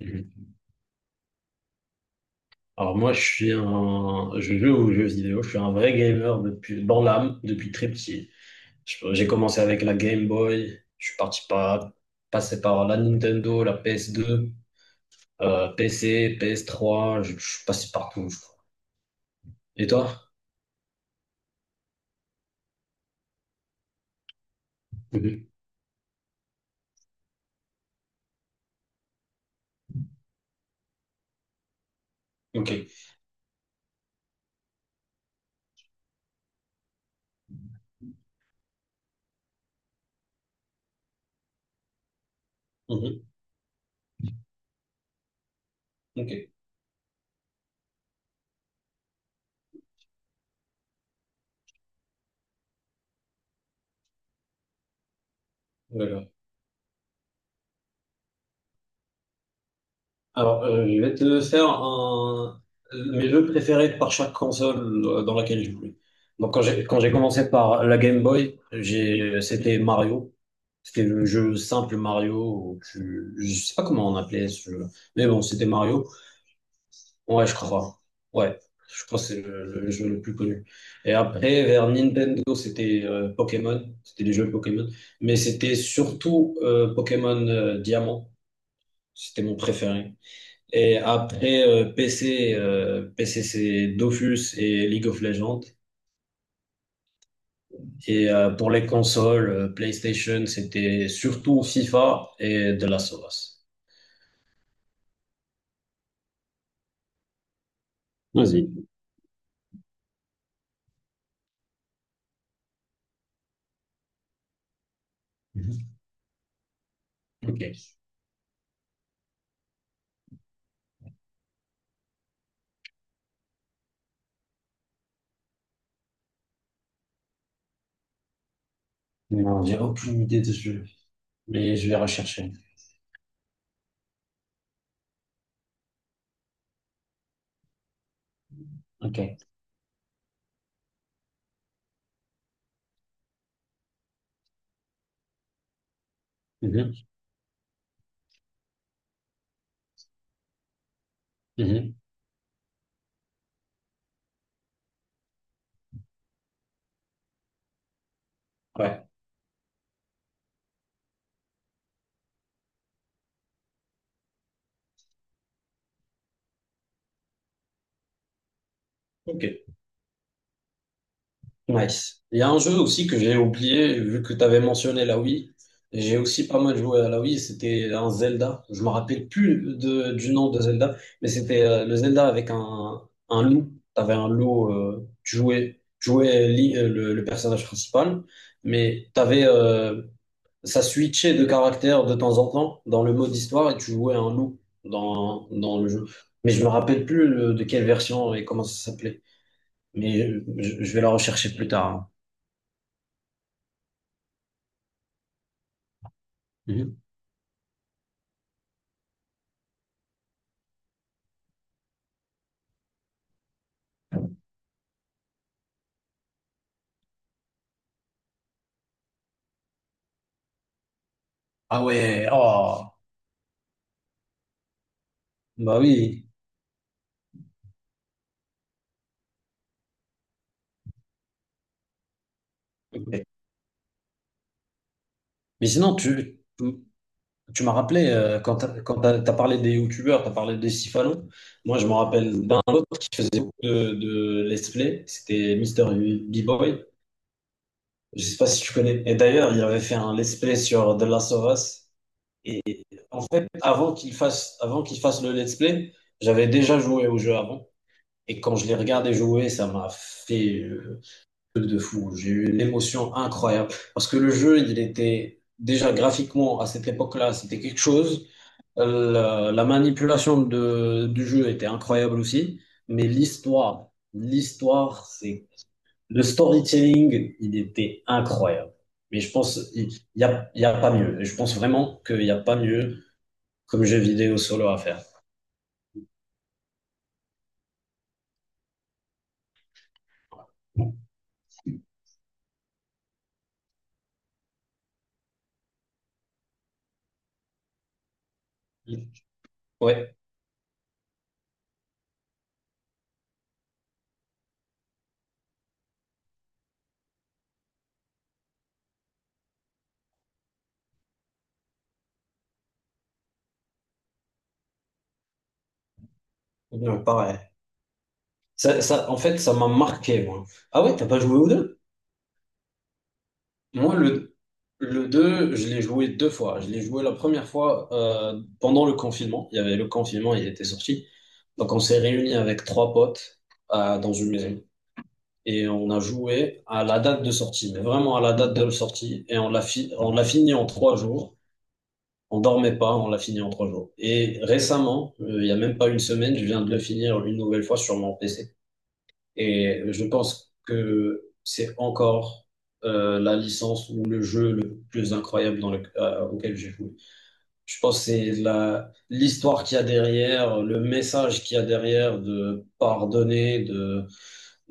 Mhm. Alors moi, je joue aux jeux vidéo, je suis un vrai gamer depuis, dans l'âme, depuis très petit. J'ai commencé avec la Game Boy, je suis parti par, passé par la Nintendo, la PS2, PC, PS3, je suis passé partout, je crois. Et toi? Mhm. Ok. Mhm. Ok. Voilà. Alors, je vais te faire mes jeux préférés par chaque console dans laquelle j'ai joué. Donc, quand j'ai commencé par la Game Boy, j'ai c'était Mario. C'était le jeu simple Mario. Je sais pas comment on appelait ce jeu, mais bon, c'était Mario. Ouais, je crois. Ouais, je crois que c'est le jeu le plus connu. Et après, vers Nintendo, c'était Pokémon. C'était les jeux Pokémon, mais c'était surtout Pokémon Diamant. C'était mon préféré. Et après PC, PC c'est Dofus et League of Legends. Et pour les consoles, PlayStation, c'était surtout FIFA et de Last of Us. Vas-y. Mhm. Ok. Non, j'ai aucune idée de ce jeu, mais je vais rechercher. Ok. Mhm. Mhm. Ouais. Ok. Nice. Il y a un jeu aussi que j'ai oublié, vu que tu avais mentionné la Wii. J'ai aussi pas mal joué à la Wii, c'était un Zelda. Je me rappelle plus du nom de Zelda, mais c'était le Zelda avec un loup. Tu avais un loup, tu jouais le personnage principal, mais t'avais, ça switchait de caractère de temps en temps dans le mode histoire et tu jouais un loup dans le jeu. Mais je me rappelle plus de quelle version et comment ça s'appelait. Mais je vais la rechercher plus tard, hein. Mhm. Ah ouais, oh, bah oui. Mais sinon, tu m'as rappelé, t'as parlé des youtubeurs, t'as parlé des Sifalo. Moi, je me rappelle d'un autre qui faisait beaucoup de let's play. C'était Mister B-Boy. Je sais pas si tu connais. Et d'ailleurs, il avait fait un let's play sur The Last of Us. Et en fait, avant qu'il fasse le let's play, j'avais déjà joué au jeu avant. Et quand je l'ai regardé jouer, ça m'a fait, de fou. J'ai eu une émotion incroyable. Parce que le jeu, il était déjà graphiquement à cette époque-là, c'était quelque chose. La manipulation du jeu était incroyable aussi. Mais l'histoire, l'histoire, c'est. Le storytelling, il était incroyable. Mais je pense, il n'y a, il y a pas mieux. Et je pense vraiment qu'il n'y a pas mieux comme jeu vidéo solo à faire. Ouais, ouais, pareil. Ça, en fait, ça m'a marqué, moi. Ah ouais, t'as pas joué aux deux? Moi, le 2 je l'ai joué deux fois. Je l'ai joué la première fois pendant le confinement. Il y avait le confinement, il était sorti. Donc, on s'est réunis avec trois potes dans une maison. Et on a joué à la date de sortie, mais vraiment à la date de sortie. Et on l'a on l'a fini en 3 jours. On dormait pas, on l'a fini en trois jours. Et récemment, il y a même pas une semaine, je viens de le finir une nouvelle fois sur mon PC. Et je pense que c'est encore la licence ou le jeu le plus incroyable auquel j'ai joué. Je pense que c'est l'histoire qu'il y a derrière, le message qu'il y a derrière de pardonner, de,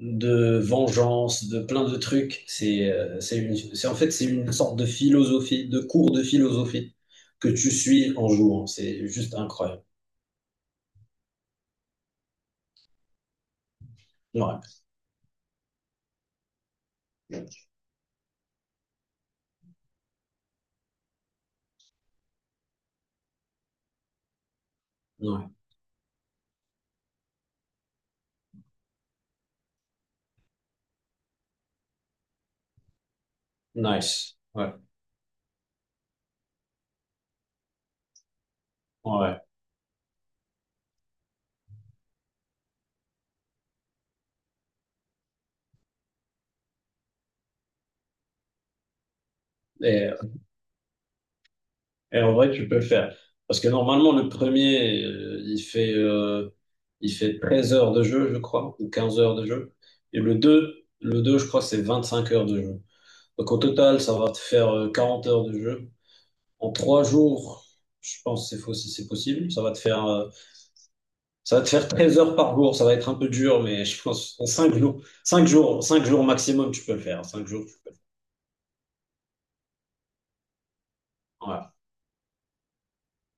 de vengeance, de plein de trucs. En fait, c'est une sorte de philosophie, de cours de philosophie que tu suis en jouant. C'est juste incroyable. Ouais, ouais. Nice. Ouais, ouais. Et, Et en vrai, tu peux le faire. Parce que normalement, le premier, il fait 13 heures de jeu, je crois, ou 15 heures de jeu. Et le deux, je crois, c'est 25 heures de jeu. Donc au total, ça va te faire 40 heures de jeu. En 3 jours, je pense que c'est faux si c'est possible. Ça va te faire, ça va te faire 13 heures par jour. Ça va être un peu dur, mais je pense en cinq jours maximum, tu peux le faire. 5 jours, tu peux le faire. Voilà.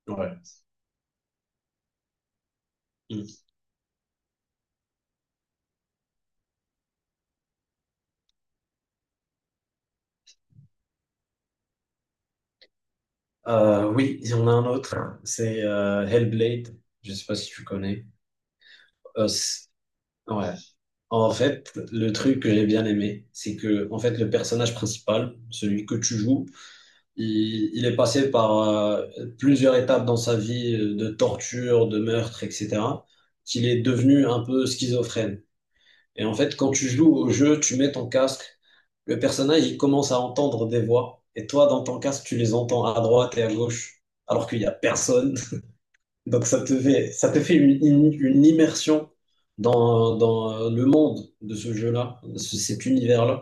Ouais, ouais. Oui, il y en a un autre. C'est Hellblade. Je sais pas si tu connais. Euh, c- ouais. En fait, le truc que j'ai bien aimé, c'est que en fait le personnage principal, celui que tu joues, il est passé par plusieurs étapes dans sa vie de torture, de meurtre, etc. Qu'il est devenu un peu schizophrène. Et en fait, quand tu joues au jeu, tu mets ton casque, le personnage il commence à entendre des voix, et toi dans ton casque tu les entends à droite et à gauche, alors qu'il y a personne. Donc ça te fait une immersion dans le monde de ce jeu-là, de cet univers-là.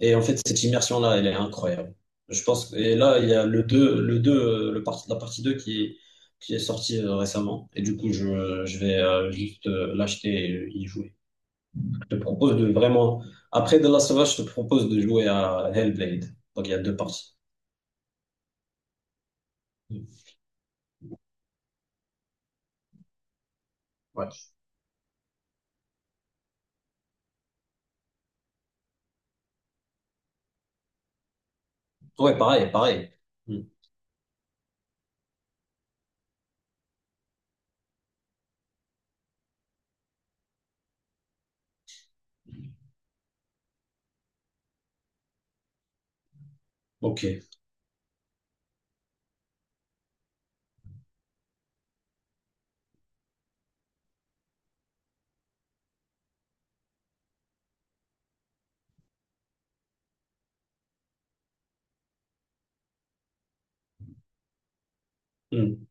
Et en fait, cette immersion-là, elle est incroyable. Je pense, et là, il y a le 2 le 2 le part- la partie 2 qui est sortie récemment. Et du coup, je vais juste l'acheter et y jouer. Je te propose de vraiment, après The Last of Us, je te propose de jouer à Hellblade. Donc il y a deux parties. Ouais, ouais pareil, pareil. Hmm. Ok. Hmm.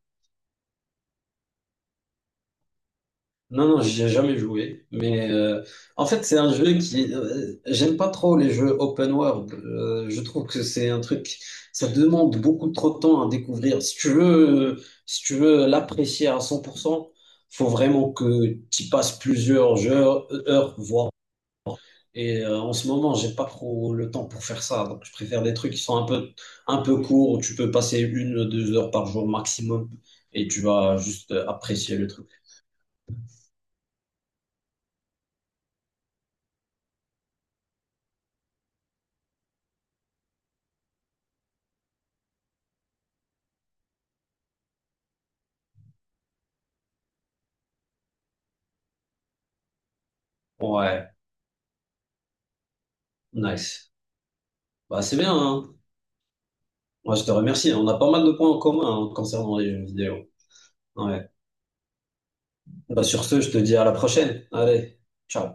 Non, non, j'y ai jamais joué. Mais en fait, c'est un jeu qui. J'aime pas trop les jeux open world. Je trouve que c'est un truc. Ça demande beaucoup trop de temps à découvrir. Si tu veux l'apprécier à 100%, faut vraiment que tu passes plusieurs heures, voire. Et en ce moment, j'ai pas trop le temps pour faire ça. Donc, je préfère des trucs qui sont un peu courts, où tu peux passer une, 2 heures par jour maximum et tu vas juste apprécier le truc. Ouais, nice. Bah, c'est bien, hein. Moi, je te remercie. On a pas mal de points en commun, hein, concernant les jeux vidéo. Ouais. Bah, sur ce, je te dis à la prochaine. Allez, ciao.